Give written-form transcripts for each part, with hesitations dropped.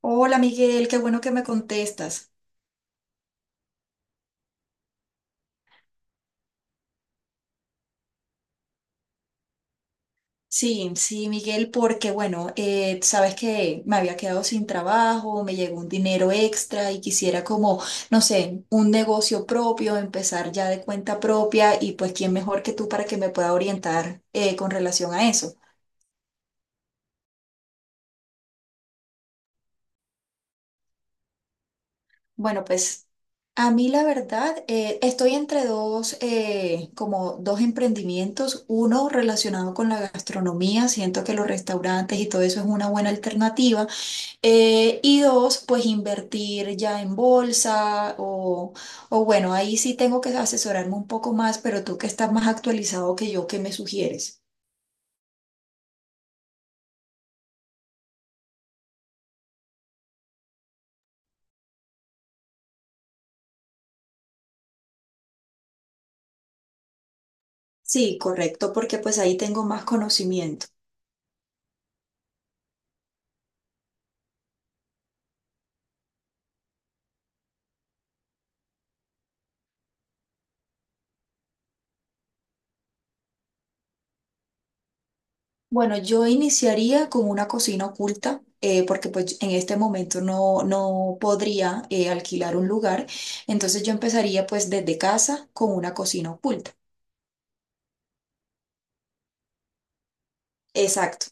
Hola Miguel, qué bueno que me contestas. Sí, sí, Miguel, porque bueno, sabes que me había quedado sin trabajo, me llegó un dinero extra y quisiera como, no sé, un negocio propio, empezar ya de cuenta propia y pues quién mejor que tú para que me pueda orientar con relación a eso. Bueno, pues a mí la verdad, estoy entre dos, como dos emprendimientos, uno relacionado con la gastronomía, siento que los restaurantes y todo eso es una buena alternativa. Y dos, pues invertir ya en bolsa o bueno, ahí sí tengo que asesorarme un poco más, pero tú que estás más actualizado que yo, ¿qué me sugieres? Sí, correcto, porque pues ahí tengo más conocimiento. Bueno, yo iniciaría con una cocina oculta, porque pues en este momento no podría alquilar un lugar, entonces yo empezaría pues desde casa con una cocina oculta. Exacto.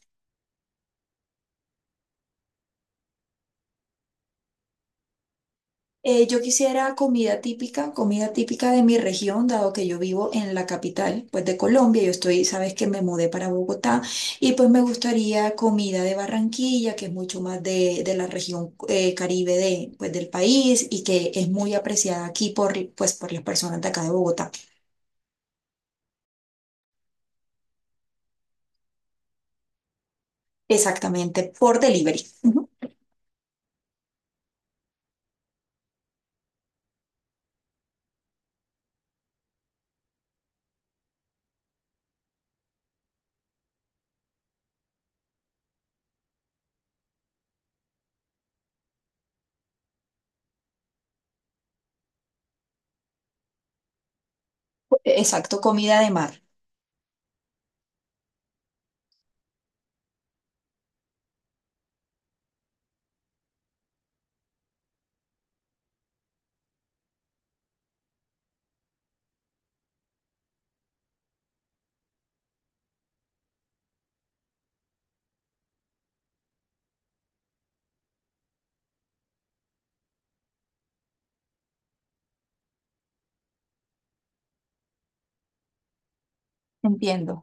Yo quisiera comida típica de mi región, dado que yo vivo en la capital, pues de Colombia. Yo estoy, sabes que me mudé para Bogotá y pues me gustaría comida de Barranquilla, que es mucho más de la región Caribe de, pues, del país y que es muy apreciada aquí por, pues, por las personas de acá de Bogotá. Exactamente, por delivery. Ujú. Exacto, comida de mar. Entiendo.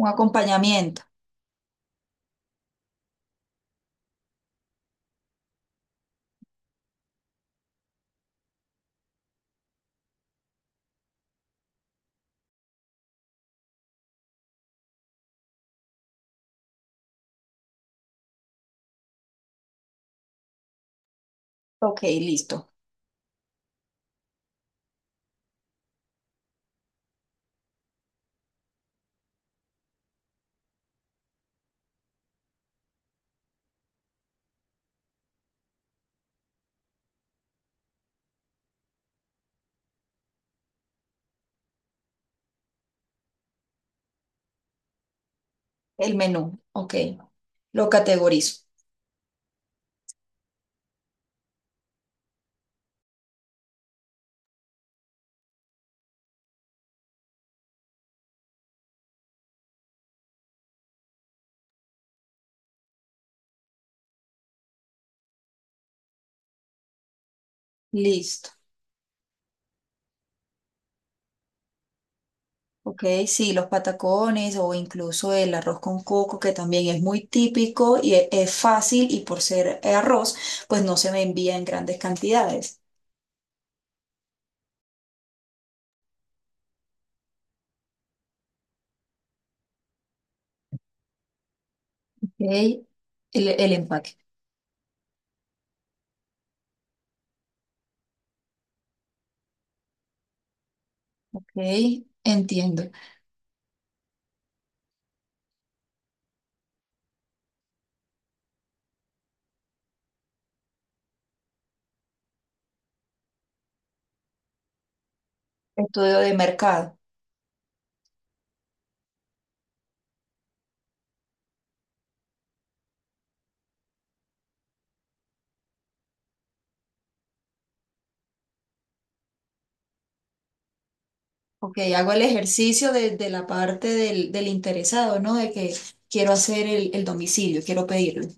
Un acompañamiento. Ok, listo. El menú. Ok, lo categorizo. Listo. Ok, sí, los patacones o incluso el arroz con coco, que también es muy típico y e- es fácil y por ser arroz, pues no se me envía en grandes cantidades. Ok, el empaque. Ok, entiendo. Estudio de mercado. Ok, hago el ejercicio de la parte del interesado, ¿no? De que quiero hacer el domicilio, quiero pedirlo.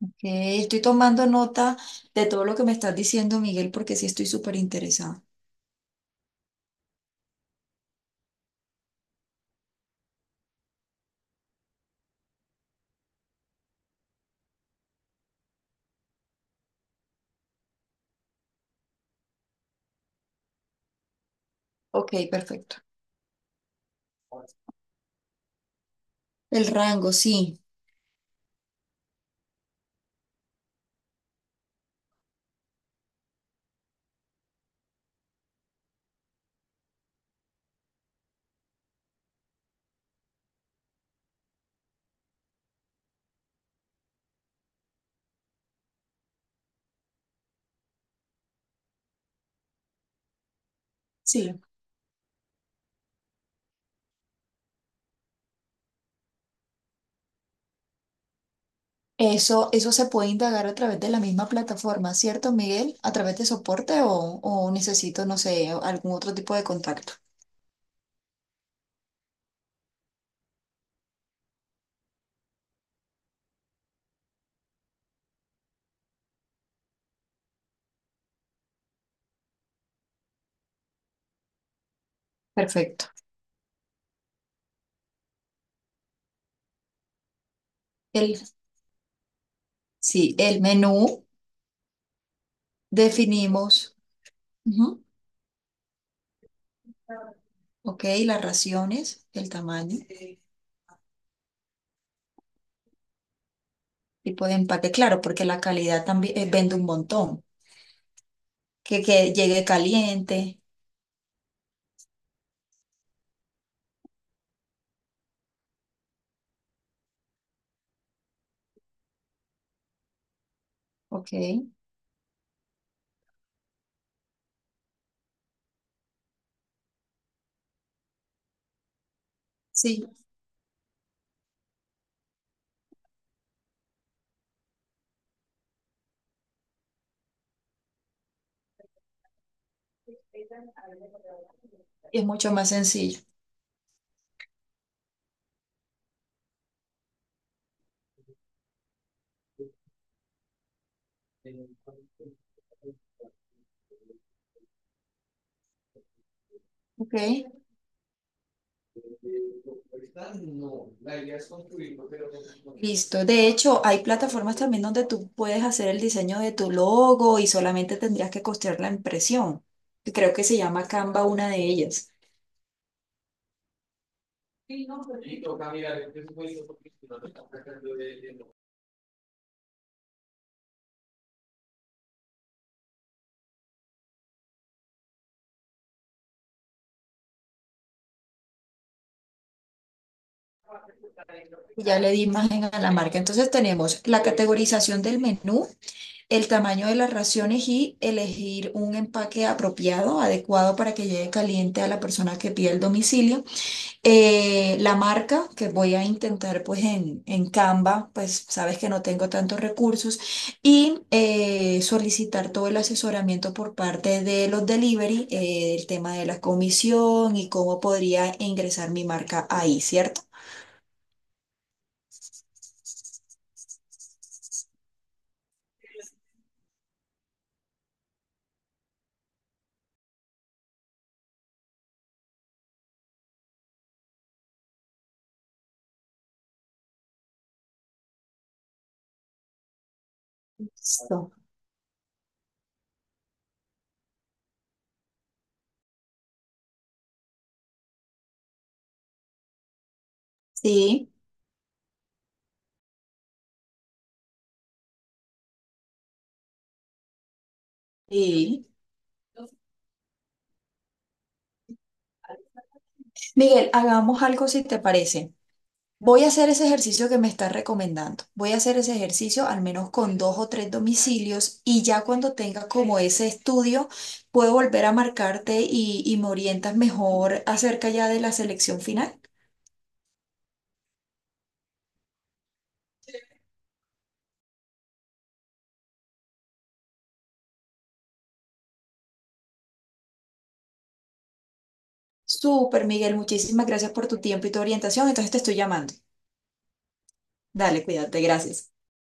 Ok, estoy tomando nota de todo lo que me estás diciendo, Miguel, porque sí estoy súper interesada. Ok, perfecto. El rango, sí. Sí. Eso se puede indagar a través de la misma plataforma, ¿cierto, Miguel? ¿A través de soporte o necesito, no sé, algún otro tipo de contacto? Perfecto. El, sí, el menú definimos, ujú, ok, las raciones, el tamaño, tipo de empaque, claro, porque la calidad también vende un montón. Que llegue caliente, ok, sí, y es mucho más sencillo, ok. Listo. De hecho, hay plataformas también donde tú puedes hacer el diseño de tu logo y solamente tendrías que costear la impresión. Creo que se llama Canva, una de ellas. Ya le di imagen a la marca. Entonces tenemos la categorización del menú, el tamaño de las raciones y elegir un empaque apropiado, adecuado para que llegue caliente a la persona que pide el domicilio. La marca que voy a intentar pues en Canva, pues sabes que no tengo tantos recursos y solicitar todo el asesoramiento por parte de los delivery, el tema de la comisión y cómo podría ingresar mi marca ahí, ¿cierto? Listo. Sí, sí. Miguel, hagamos algo si te parece. Voy a hacer ese ejercicio que me estás recomendando. Voy a hacer ese ejercicio al menos con dos o tres domicilios y ya cuando tenga como ese estudio, puedo volver a marcarte y me orientas mejor acerca ya de la selección final. Súper, Miguel, muchísimas gracias por tu tiempo y tu orientación. Entonces te estoy llamando. Dale, cuídate, gracias.